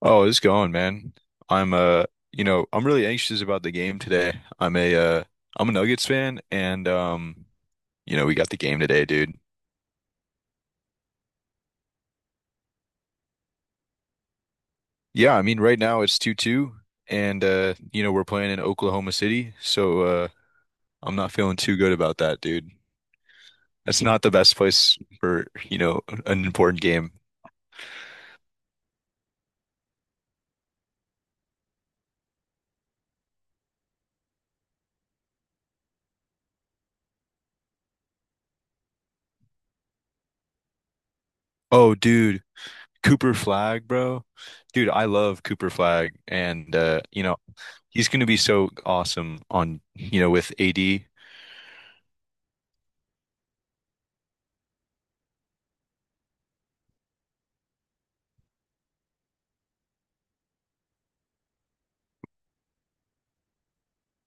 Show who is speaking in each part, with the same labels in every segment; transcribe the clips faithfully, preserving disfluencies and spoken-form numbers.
Speaker 1: Oh, it's going, man. I'm uh, you know, I'm really anxious about the game today. I'm a uh, I'm a Nuggets fan, and um, you know, we got the game today, dude. Yeah, I mean, right now it's two two, and uh, you know, we're playing in Oklahoma City, so uh, I'm not feeling too good about that, dude. That's not the best place for, you know, an important game. Oh, dude, Cooper Flag, bro. Dude, I love Cooper Flag and uh, you know, he's going to be so awesome on, you know, with A D.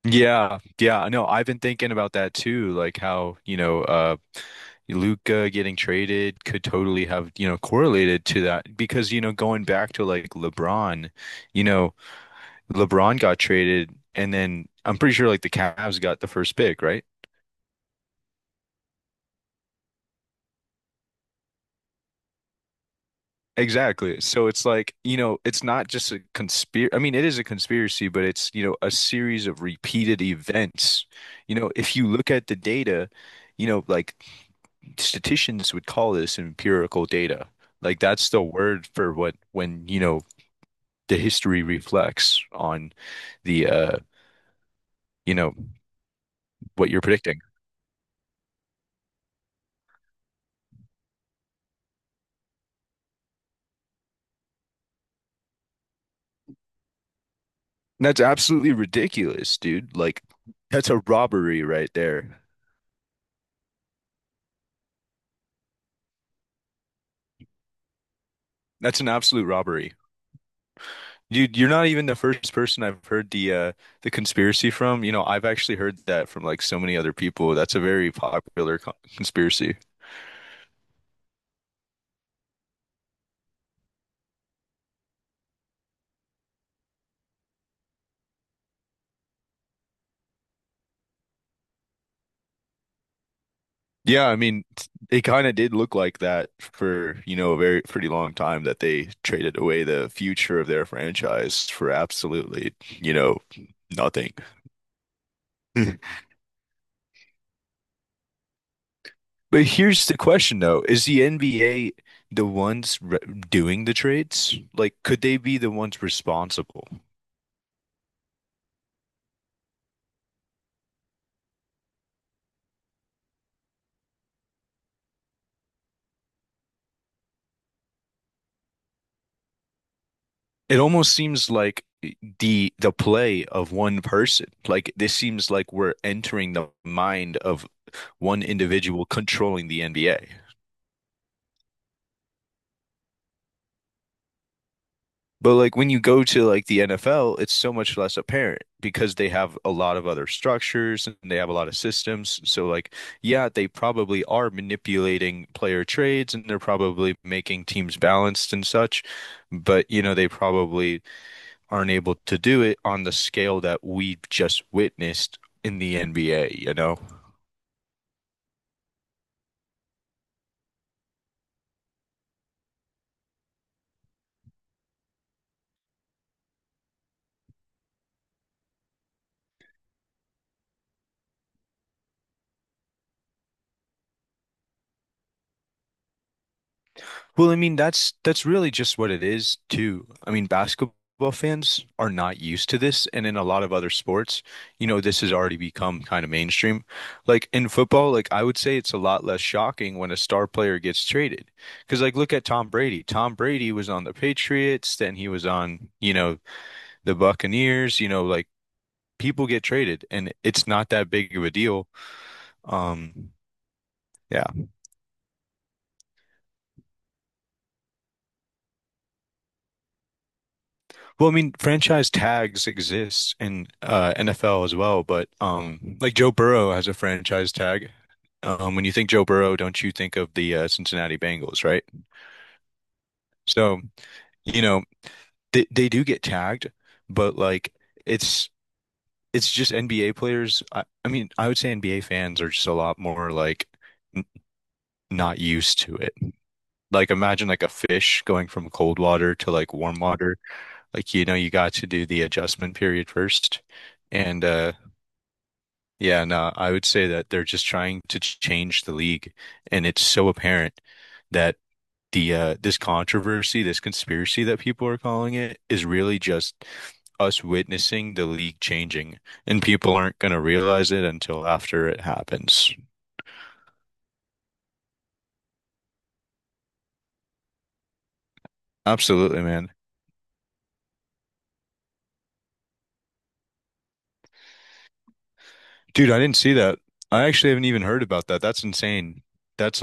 Speaker 1: Yeah, yeah, I know. I've been thinking about that too, like how, you know, uh Luka getting traded could totally have, you know, correlated to that because, you know, going back to like LeBron, you know, LeBron got traded, and then I'm pretty sure like the Cavs got the first pick, right? Exactly. So it's like, you know, it's not just a conspiracy. I mean, it is a conspiracy, but it's, you know, a series of repeated events. You know, if you look at the data, you know, like statisticians would call this empirical data. Like that's the word for what when, you know, the history reflects on the uh, you know, what you're predicting. That's absolutely ridiculous, dude. Like, that's a robbery right there. That's an absolute robbery. You, you're not even the first person I've heard the uh, the conspiracy from. You know, I've actually heard that from like so many other people. That's a very popular con conspiracy. Yeah, I mean, t- it kind of did look like that for, you know, a very pretty long time that they traded away the future of their franchise for absolutely, you know, nothing. But here's the question though, is the N B A the ones re doing the trades? Like, could they be the ones responsible? It almost seems like the the play of one person. Like this seems like we're entering the mind of one individual controlling the N B A. But like when you go to like the N F L, it's so much less apparent because they have a lot of other structures and they have a lot of systems. So like, yeah, they probably are manipulating player trades and they're probably making teams balanced and such, but you know, they probably aren't able to do it on the scale that we just witnessed in the N B A, you know? Well, I mean, that's that's really just what it is too. I mean, basketball fans are not used to this, and in a lot of other sports, you know, this has already become kind of mainstream. Like in football, like I would say it's a lot less shocking when a star player gets traded. Because like look at Tom Brady. Tom Brady was on the Patriots, then he was on, you know, the Buccaneers, you know, like people get traded and it's not that big of a deal. Um, yeah. Well, I mean, franchise tags exist in uh, N F L as well, but um, like Joe Burrow has a franchise tag. Um, when you think Joe Burrow, don't you think of the uh, Cincinnati Bengals, right? So, you know, they they do get tagged, but like it's it's just N B A players. I, I mean, I would say N B A fans are just a lot more like n not used to it. Like imagine like a fish going from cold water to like warm water. Like, you know, you got to do the adjustment period first. And uh yeah, no, I would say that they're just trying to ch- change the league, and it's so apparent that the uh, this controversy, this conspiracy that people are calling it, is really just us witnessing the league changing, and people aren't gonna realize it until after it happens. Absolutely, man. Dude, I didn't see that. I actually haven't even heard about that. That's insane. That's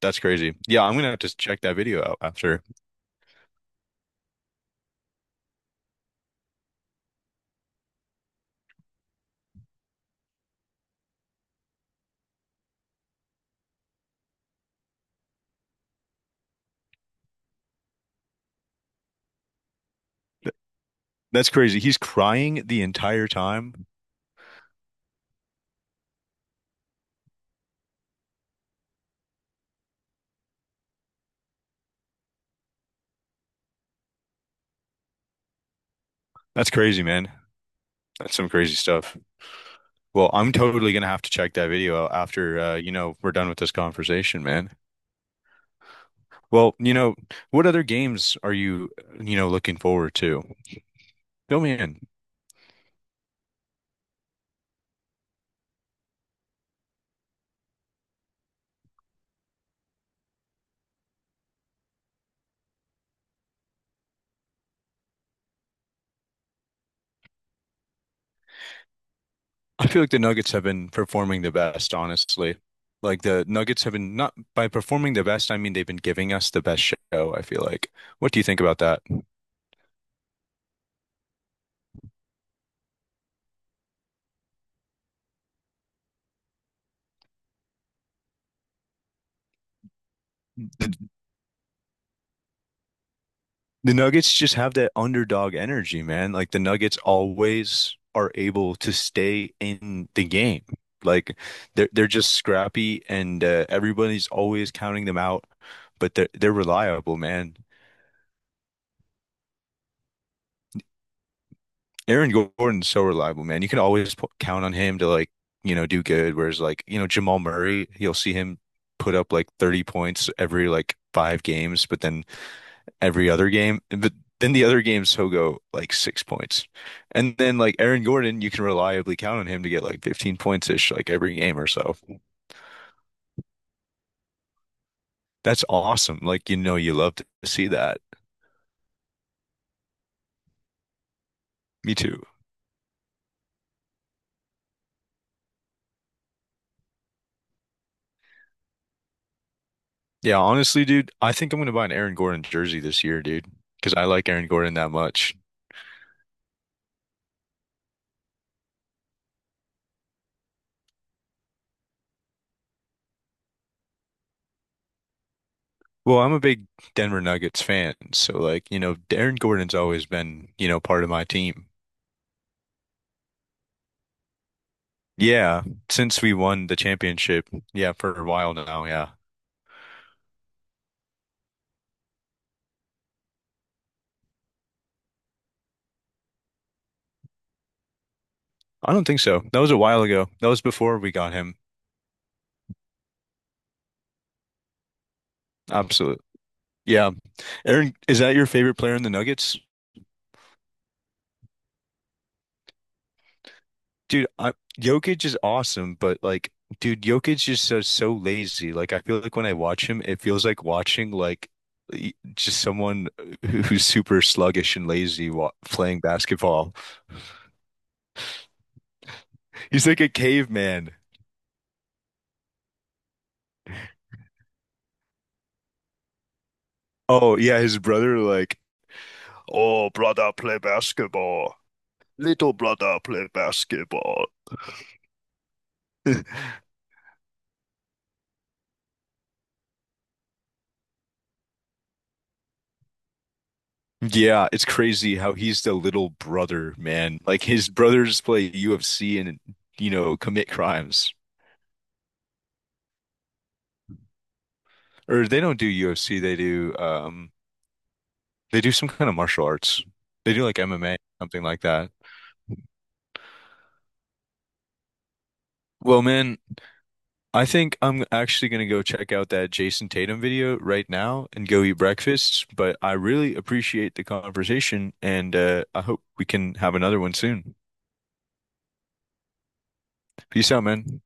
Speaker 1: that's crazy. Yeah, I'm gonna have to check that video out after. Th- That's crazy. He's crying the entire time. That's crazy, man. That's some crazy stuff. Well, I'm totally gonna have to check that video out after uh, you know, we're done with this conversation, man. Well, you know, what other games are you, you know, looking forward to? Fill me in. I feel like the Nuggets have been performing the best, honestly. Like the Nuggets have been not by performing the best, I mean they've been giving us the best show, I feel like. What do you think about that? The the Nuggets just have that underdog energy, man. Like the Nuggets always are able to stay in the game. Like they're they're just scrappy, and uh, everybody's always counting them out. But they're they're reliable, man. Aaron Gordon's so reliable, man. You can always p count on him to like you know do good. Whereas like you know Jamal Murray, you'll see him put up like thirty points every like five games, but then every other game. But then the other games he'll go like six points. And then like Aaron Gordon, you can reliably count on him to get like fifteen points ish like every game or so. That's awesome. Like you know you love to see that. Me too. Yeah, honestly, dude, I think I'm gonna buy an Aaron Gordon jersey this year, dude, because I like Aaron Gordon that much. Well, I'm a big Denver Nuggets fan, so like, you know, Aaron Gordon's always been, you know, part of my team. Yeah, since we won the championship, yeah, for a while now, yeah. I don't think so. That was a while ago. That was before we got him. Absolutely. Yeah. Aaron, is that your favorite player in the Nuggets? Dude, I, Jokic is awesome, but like, dude, Jokic is so so lazy. Like, I feel like when I watch him, it feels like watching like y- just someone who- who's super sluggish and lazy wa playing basketball. He's like a caveman. Oh yeah, his brother like, oh brother, play basketball. Little brother, play basketball. Yeah, it's crazy how he's the little brother, man. Like his brothers play U F C and you know commit crimes. Or they don't do U F C. They do um they do some kind of martial arts. They do like M M A, something like that. Well, man, I think I'm actually gonna go check out that Jason Tatum video right now and go eat breakfast. But I really appreciate the conversation, and uh, I hope we can have another one soon. Peace out, man.